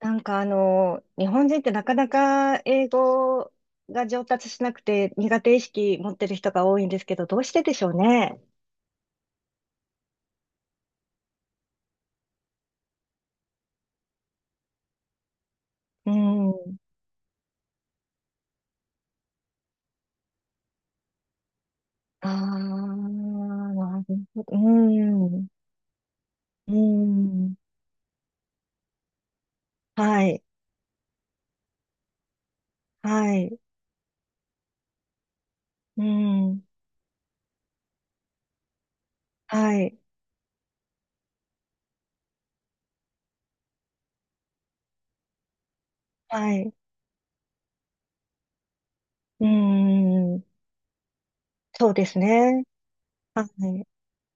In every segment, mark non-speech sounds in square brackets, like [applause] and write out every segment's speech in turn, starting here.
なんか日本人ってなかなか英語が上達しなくて苦手意識持ってる人が多いんですけど、どうしてでしょうね。うん。ああ、なるほど。うん。うん。はい。はい。うん。はい。はい。うん。そうですね。はい。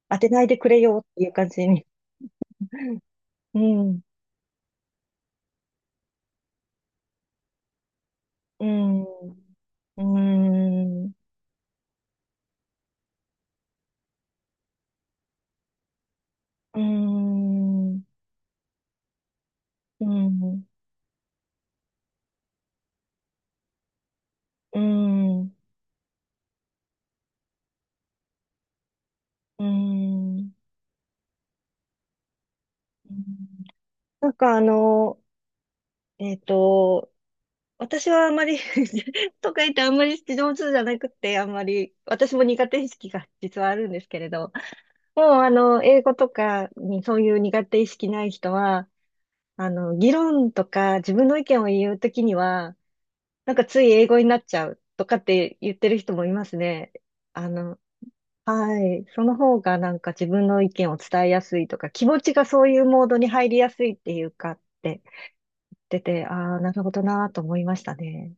当てないでくれよっていう感じに。うん。うん。うん。うん。うん。うん。うーん、うーん。うん。なんかえっと、私はあんまり [laughs] とか言ってあんまり上手じゃなくて、あんまり、私も苦手意識が実はあるんですけれど、もう英語とかにそういう苦手意識ない人は、議論とか自分の意見を言うときには、なんかつい英語になっちゃうとかって言ってる人もいますね。あの、はい。その方がなんか自分の意見を伝えやすいとか、気持ちがそういうモードに入りやすいっていうかって出て、ああ、なるほどなーと思いましたね。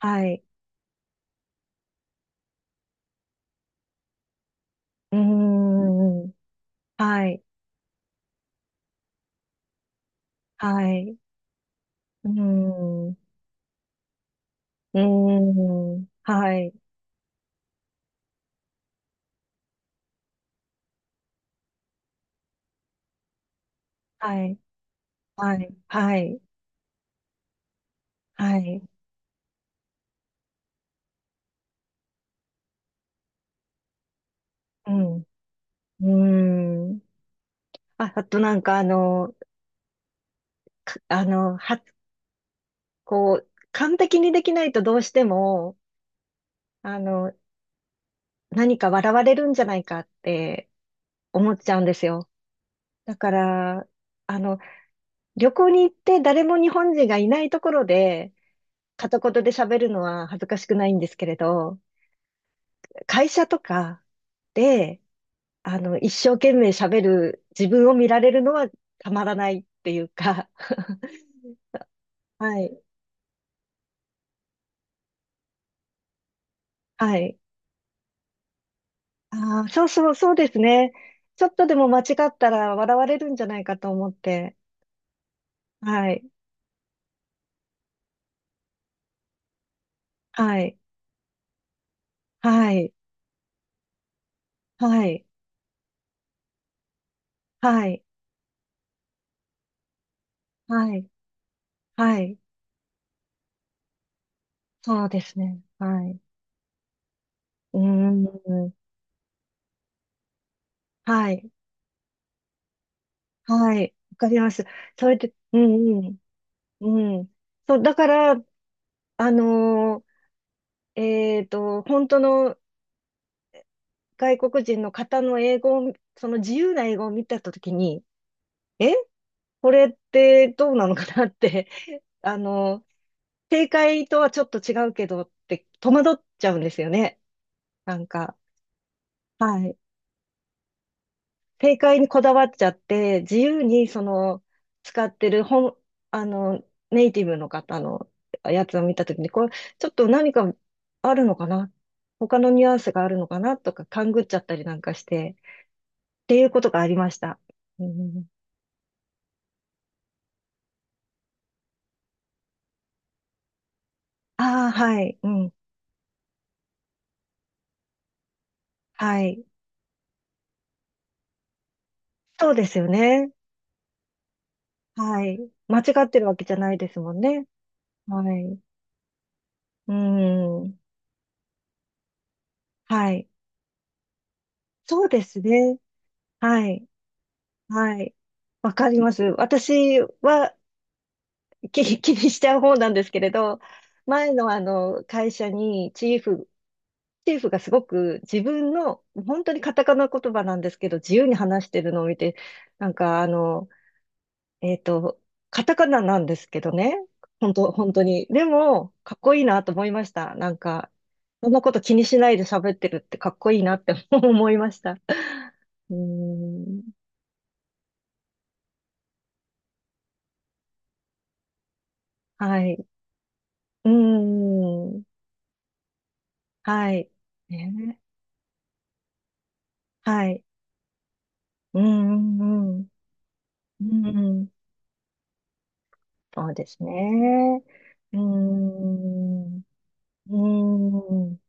はい。うーん。はい。はい。うーん。うーん。はい。はい。はい。はい。はい。うん。うーん。あ、あとなんかあの、かあの、は、こう、完璧にできないとどうしても、あの、何か笑われるんじゃないかって、思っちゃうんですよ。だから、あの、旅行に行って誰も日本人がいないところで、片言で喋るのは恥ずかしくないんですけれど、会社とかで、一生懸命喋る自分を見られるのはたまらないっていうか、[laughs] はい、はい。ああ、そうそう、そうですね。ちょっとでも間違ったら笑われるんじゃないかと思って、はい、はい、はい、はい、はい、はい、はい、そうですね。はい。うーん。はい。はい。わかります。それで、うんうん。うん。そう、だから、あの本当の外国人の方の英語を、その自由な英語を見たときに、えこれってどうなのかなって、[laughs] あのー正解とはちょっと違うけどって戸惑っちゃうんですよね。なんか。はい。正解にこだわっちゃって、自由にその使ってる本、あの、ネイティブの方のやつを見たときに、これちょっと何かあるのかな、他のニュアンスがあるのかなとか勘ぐっちゃったりなんかして、っていうことがありました。うん、ああ、はい、うん、はい。そうですよね。はい。間違ってるわけじゃないですもんね。はい。うん。はい。そうですね。はい。はい。わかります。私は、[laughs] 気にしちゃう方なんですけれど、前のあの会社にチーフがすごく自分の、本当にカタカナ言葉なんですけど、自由に話してるのを見て、なんかえっと、カタカナなんですけどね、本当、本当に。でも、かっこいいなと思いました。なんか、そんなこと気にしないで喋ってるってかっこいいなって [laughs] 思いました。[laughs] うーん、はい。うーん、はい。ね、はい。うーん、うん。うん、そうですね。うーん、うーん。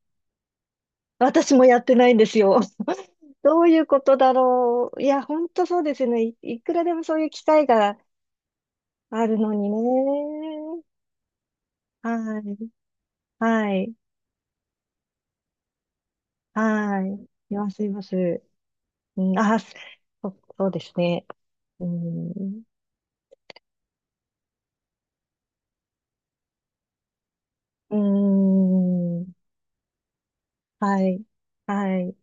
私もやってないんですよ。[laughs] どういうことだろう。いや、ほんとそうですね。いくらでもそういう機会があるのにね。はい。はい。はい。います、います。うん、あ、そうですね。うん。うん。はい。はい。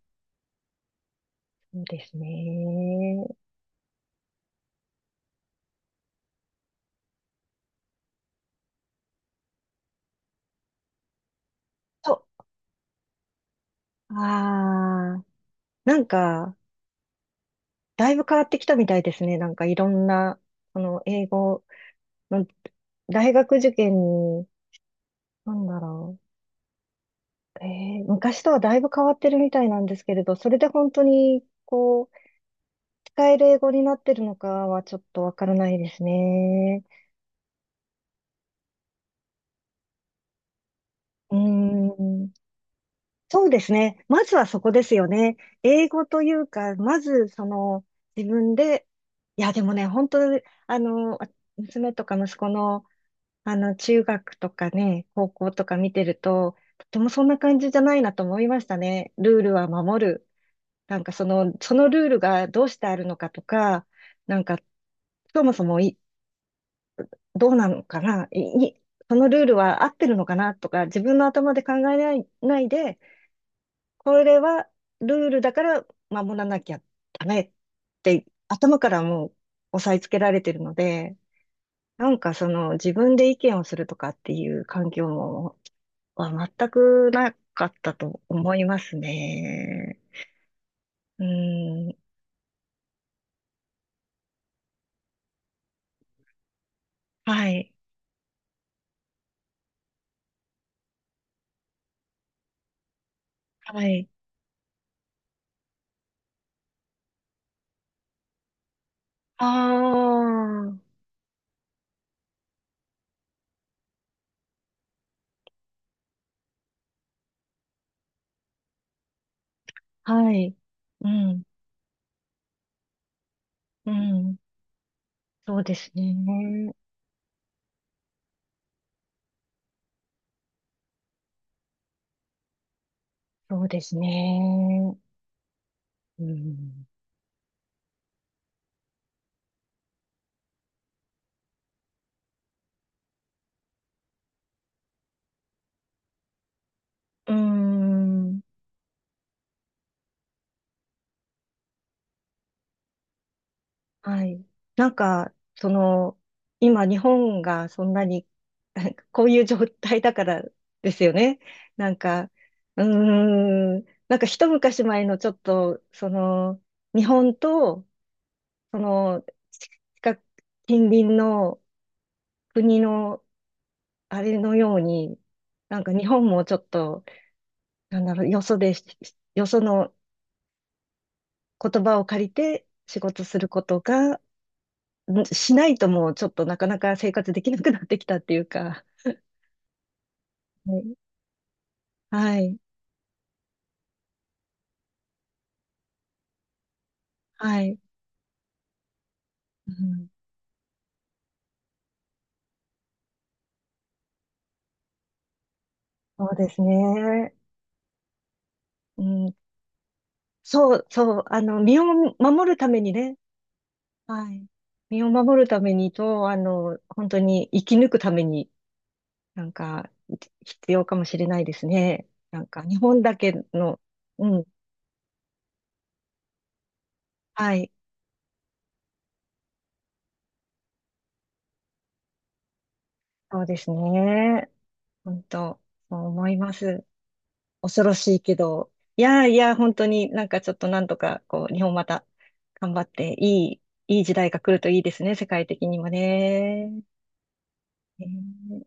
そうですね。そう。ああ。なんか、だいぶ変わってきたみたいですね。なんかいろんな、その英語の大学受験に、なんだろう。昔とはだいぶ変わってるみたいなんですけれど、それで本当に、こう、使える英語になってるのかはちょっとわからないですね。うーん。そうですね。まずはそこですよね。英語というか、まずその自分で、いやでもね、本当、あの、娘とか息子の、中学とかね、高校とか見てると、とてもそんな感じじゃないなと思いましたね。ルールは守る。なんかその、そのルールがどうしてあるのかとか、なんか、そもそもどうなのかな、いそのルールは合ってるのかなとか、自分の頭で考えない、ないで、これはルールだから守らなきゃダメって、頭からもう押さえつけられてるので、なんかその自分で意見をするとかっていう環境もは全くなかったと思いますね。うん。はい。はい。ああ。はい。うん。うん。そうですね。そうですね。うん。うん。はい。なんか、その、今日本がそんなに、[laughs] なんかこういう状態だからですよね。なんか、うーん、なんか一昔前のちょっと、その、日本と、その、近く、近隣の国の、あれのように、なんか日本もちょっと、なんだろう、よその言葉を借りて仕事することが、しないともうちょっとなかなか生活できなくなってきたっていうか。[laughs] はい。はい。はい。うん、そうですね。うん、そう、そう。身を守るためにね。はい。身を守るためにと、本当に生き抜くために、なんか、必要かもしれないですね。なんか、日本だけの、うん。はい。そうですね。本当、そう思います。恐ろしいけど、いやいや、本当になんかちょっとなんとか、こう、日本また頑張って、いい、いい時代が来るといいですね、世界的にもね。ね。